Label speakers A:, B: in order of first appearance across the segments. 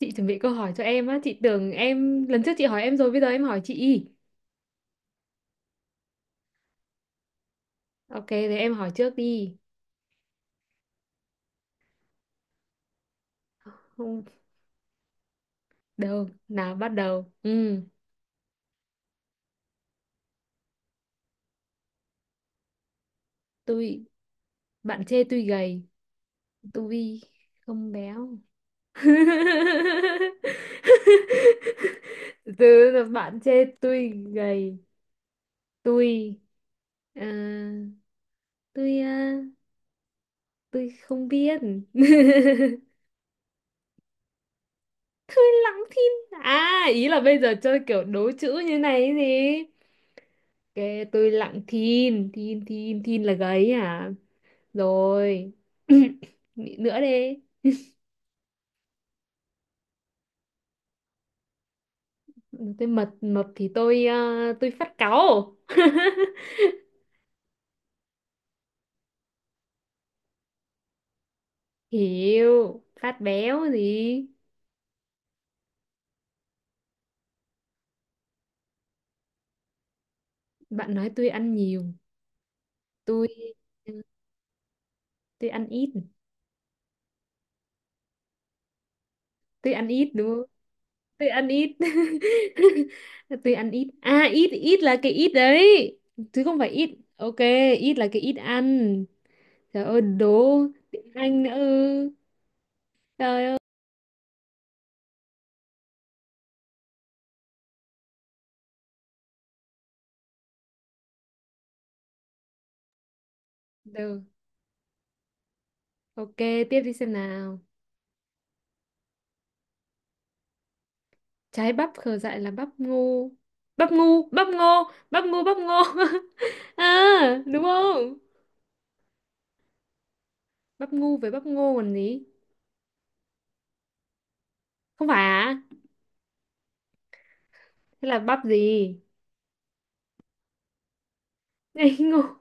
A: Chị chuẩn bị câu hỏi cho em á, chị tưởng em lần trước chị hỏi em rồi bây giờ em hỏi chị. Ok, thế em hỏi trước đi. Không, đâu, nào bắt đầu. Ừ, tôi bạn chê tôi gầy, tôi không béo. Từ là bạn chê tôi gầy, tôi à, tôi à, tôi không biết. Tôi lắng thinh. À, ý là bây giờ chơi kiểu đố chữ như này ấy gì? Kệ tôi lặng thin, thin, thin, thin là gáy à? Rồi. Nghĩ nữa đi. Tôi mập mập thì tôi phát cáu. Hiểu, phát béo gì? Bạn nói tôi ăn nhiều, tôi ờ, tôi ăn ít, đúng không? Tôi ăn ít. Tôi ăn ít. À, ít ít là cái ít đấy. Chứ không phải ít. Ok, ít là cái ít ăn. Trời ơi, đố tiếng Anh nữa. Ư. Trời. Được. Ok, tiếp đi xem nào. Trái bắp khờ dại là bắp ngu. Bắp ngu, bắp ngô, bắp ngu, bắp ngô. À, đúng không? Bắp ngu với bắp ngô còn gì? Không phải à? Thế là bắp gì? Ngây ngô.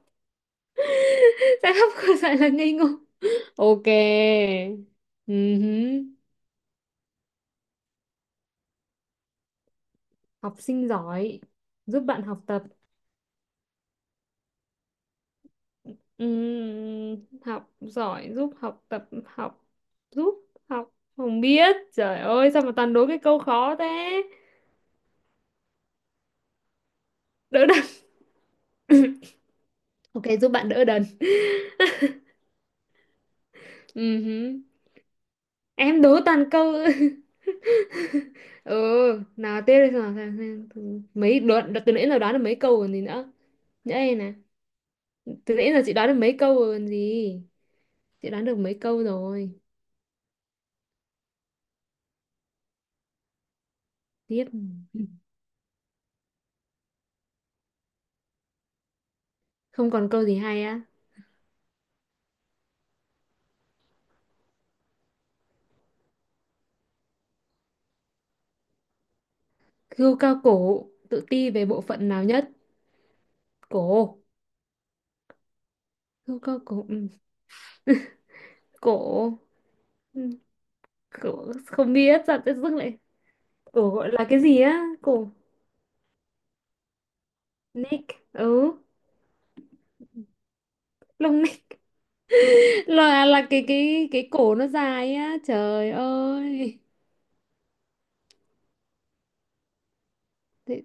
A: Trái bắp khờ dại là ngây ngô. Ok. Ừhứ. Học sinh giỏi. Giúp bạn học tập. Học giỏi, giúp học tập, học, giúp học. Không biết. Trời ơi, sao mà toàn đố cái câu khó thế? Đỡ đần. Ok, giúp bạn đỡ đần. Ừ hứ. Em đố toàn câu. Ừ, nào tiếp đi nào. Xem. Từ nãy giờ đoán được mấy câu còn gì nữa. Nhớ đây nè. Từ nãy giờ chị đoán được mấy câu rồi còn gì. Chị đoán được mấy câu rồi. Tiếp. Không còn câu gì hay á. Hươu cao cổ, tự ti về bộ phận nào nhất? Cổ. Hươu cao cổ. Ừ. Cổ. Ừ. Cổ. Không biết, sao tự dưng lại. Cổ gọi là cái gì á? Cổ. Neck. Ừ. Lông là cái cổ nó dài á, trời ơi. để,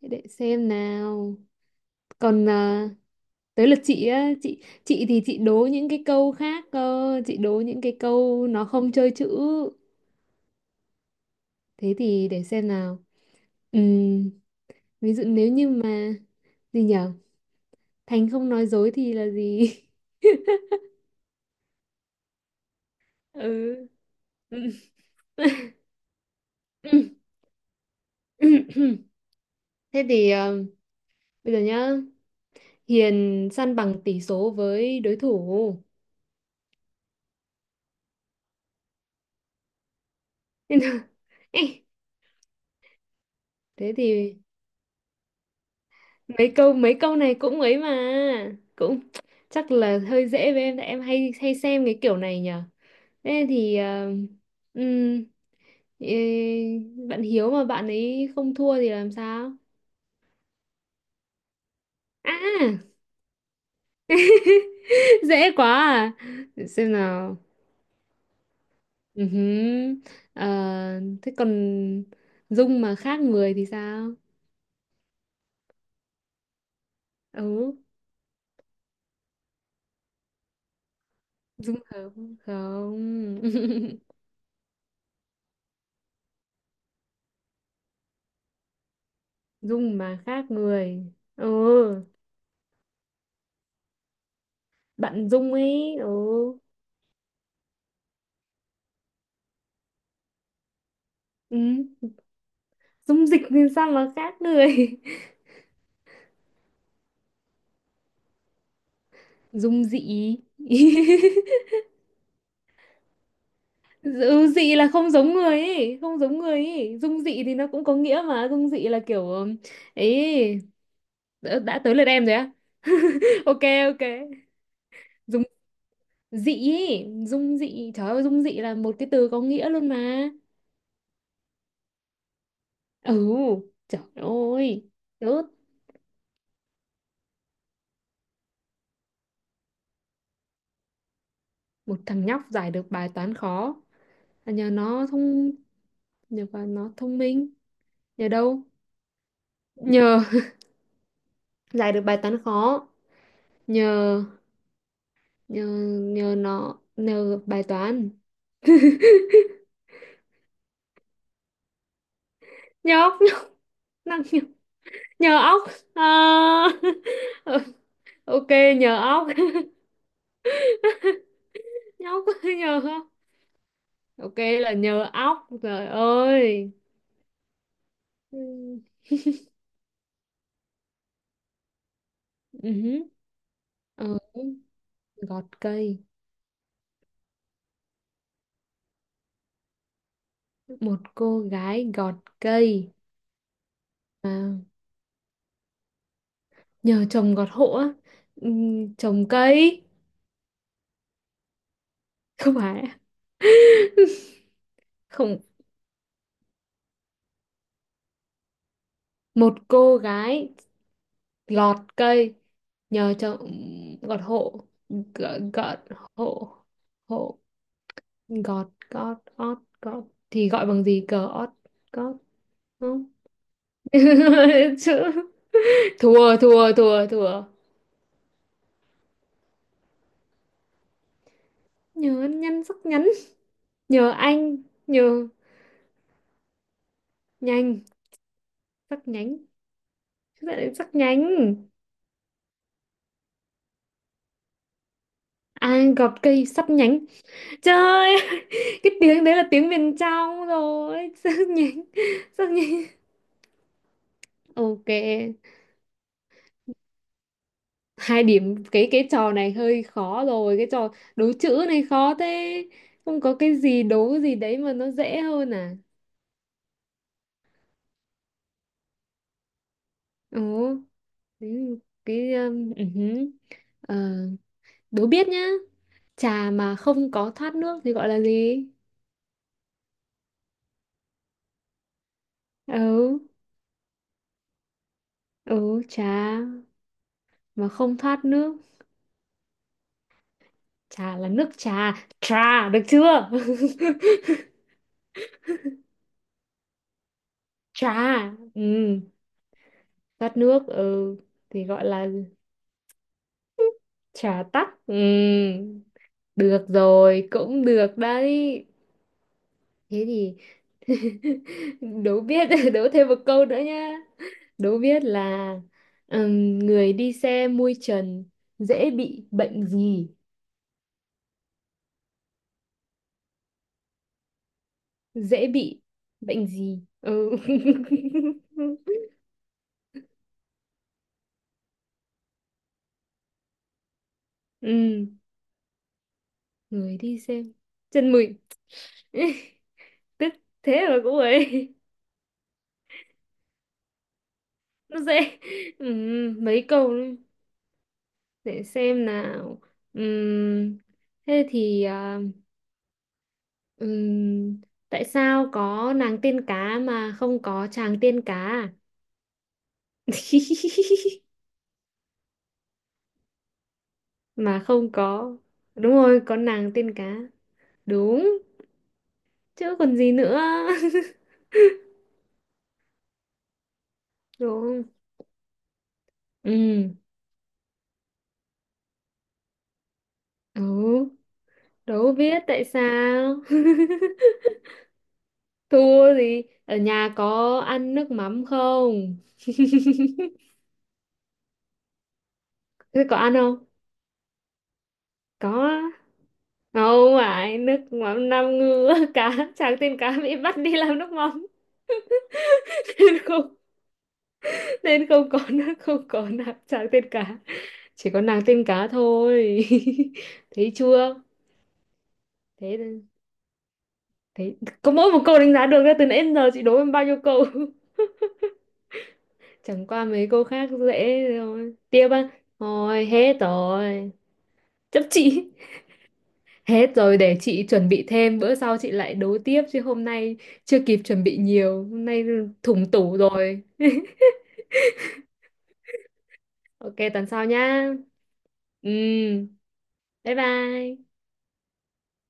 A: để xem nào. còn à, Tới lượt chị á, chị thì chị đố những cái câu khác cơ, chị đố những cái câu nó không chơi chữ. Thế thì để xem nào. Ừm, Ví dụ nếu như mà gì nhở? Thành không nói dối thì là gì? Ừ. Thế thì, bây giờ nhá. Hiền săn bằng tỷ số với đối thủ. Thế nào? Ê, thế thì mấy câu này cũng ấy mà, cũng chắc là hơi dễ với em, tại em hay hay xem cái kiểu này nhở. Thế thì ừm, ê, bạn Hiếu mà bạn ấy không thua thì làm sao? À. Dễ quá à, để xem nào. Ừ hứ. Ờ, thế còn Dung mà khác người thì sao? Ừ. Dung hợp không? Dung mà khác người? Ừ, bạn Dung ấy, ừ. Ừ. Dung dịch thì sao mà khác người? Dung dị. Ừ, dị là không giống người ấy, không giống người ấy. Dung dị thì nó cũng có nghĩa mà, Dung dị là kiểu ấy. Đã tới lượt em rồi á. Ok, ok, Dung dị ấy. Dung dị, trời ơi, Dung dị là một cái từ có nghĩa luôn mà. Ừ, trời ơi, rớt. Một thằng nhóc giải được bài toán khó là nhờ vào nó thông minh. Nhờ đâu? Nhờ giải được bài toán khó. Nhờ nhờ nhờ nó, nhờ bài toán. Nhờ óc, nhờ nhờ óc. Ờ, ok, nhờ óc. Nhờ óc, nhờ óc. Ok, là nhờ óc, trời ơi. Ừ. Ừ, Ở, gọt cây. Một cô gái gọt cây mà nhờ chồng gọt hộ á. Ừ, trồng cây. Không phải. Không, một cô gái gọt cây nhờ chồng gọt hộ. Gọt, hộ, hộ, gọt, gót, ót, gót. Thì gọi bằng gì? Cờ ót, gót, không. Chữ. Thua, thua, thua, thua. Nhớ nhăn sắc nhắn. Nhờ anh, nhờ, nhanh, sắc nhánh. Sao lại sắc nhánh? À, gọt cây sắt nhánh, trời ơi. Cái tiếng đấy là tiếng miền trong rồi. Sắc nhánh. Sắc nhánh. Ok. Hai điểm, cái trò này hơi khó rồi, cái trò đố chữ này khó thế. Không có cái gì đố gì đấy mà nó dễ hơn à? Ồ, thế, cái ừ hứ. Ờ, đố biết nhá. Trà mà không có thoát nước thì gọi là gì? Ừ. Ừ, trà mà không thoát nước. Trà là nước trà. Trà được chưa? Trà, ừ, tắt nước, ừ, thì gọi là trà tắt, ừ. Được rồi, cũng được đấy. Thế thì, đố biết, đố thêm một câu nữa nhá. Đố biết là người đi xe mui trần dễ bị bệnh gì? Dễ bị bệnh gì? Ừ. Ừm, người đi xe chân mùi. Tức thế mà cũng ấy. Nó dễ. Mấy câu nữa. Để xem nào. Ừm, thế thì, Ừm, tại sao có nàng tiên cá mà không có chàng tiên cá à? Mà không có. Đúng rồi, có nàng tiên cá. Đúng, chứ còn gì nữa. Đúng không? Ừ. Ừ, đâu biết tại sao. Thua gì, ở nhà có ăn nước mắm không? Thế có ăn không? Có á. Không phải nước mắm năm ngư, cá chàng tiên cá bị bắt đi làm nước mắm, nên không có, nó không có nàng chàng tên cá. Chỉ có nàng tên cá thôi. Thấy chưa? Thế, thấy có mỗi một câu đánh giá được, ra từ nãy đến giờ chị đố em bao nhiêu câu. Chẳng qua mấy câu khác dễ rồi, tiếp á. Thôi, hết rồi. Chấp chị. Hết rồi, để chị chuẩn bị thêm bữa sau chị lại đố tiếp, chứ hôm nay chưa kịp chuẩn bị nhiều hôm nay, thủng tủ rồi. Ok, tuần sau nhá. Ừ. Bye bye.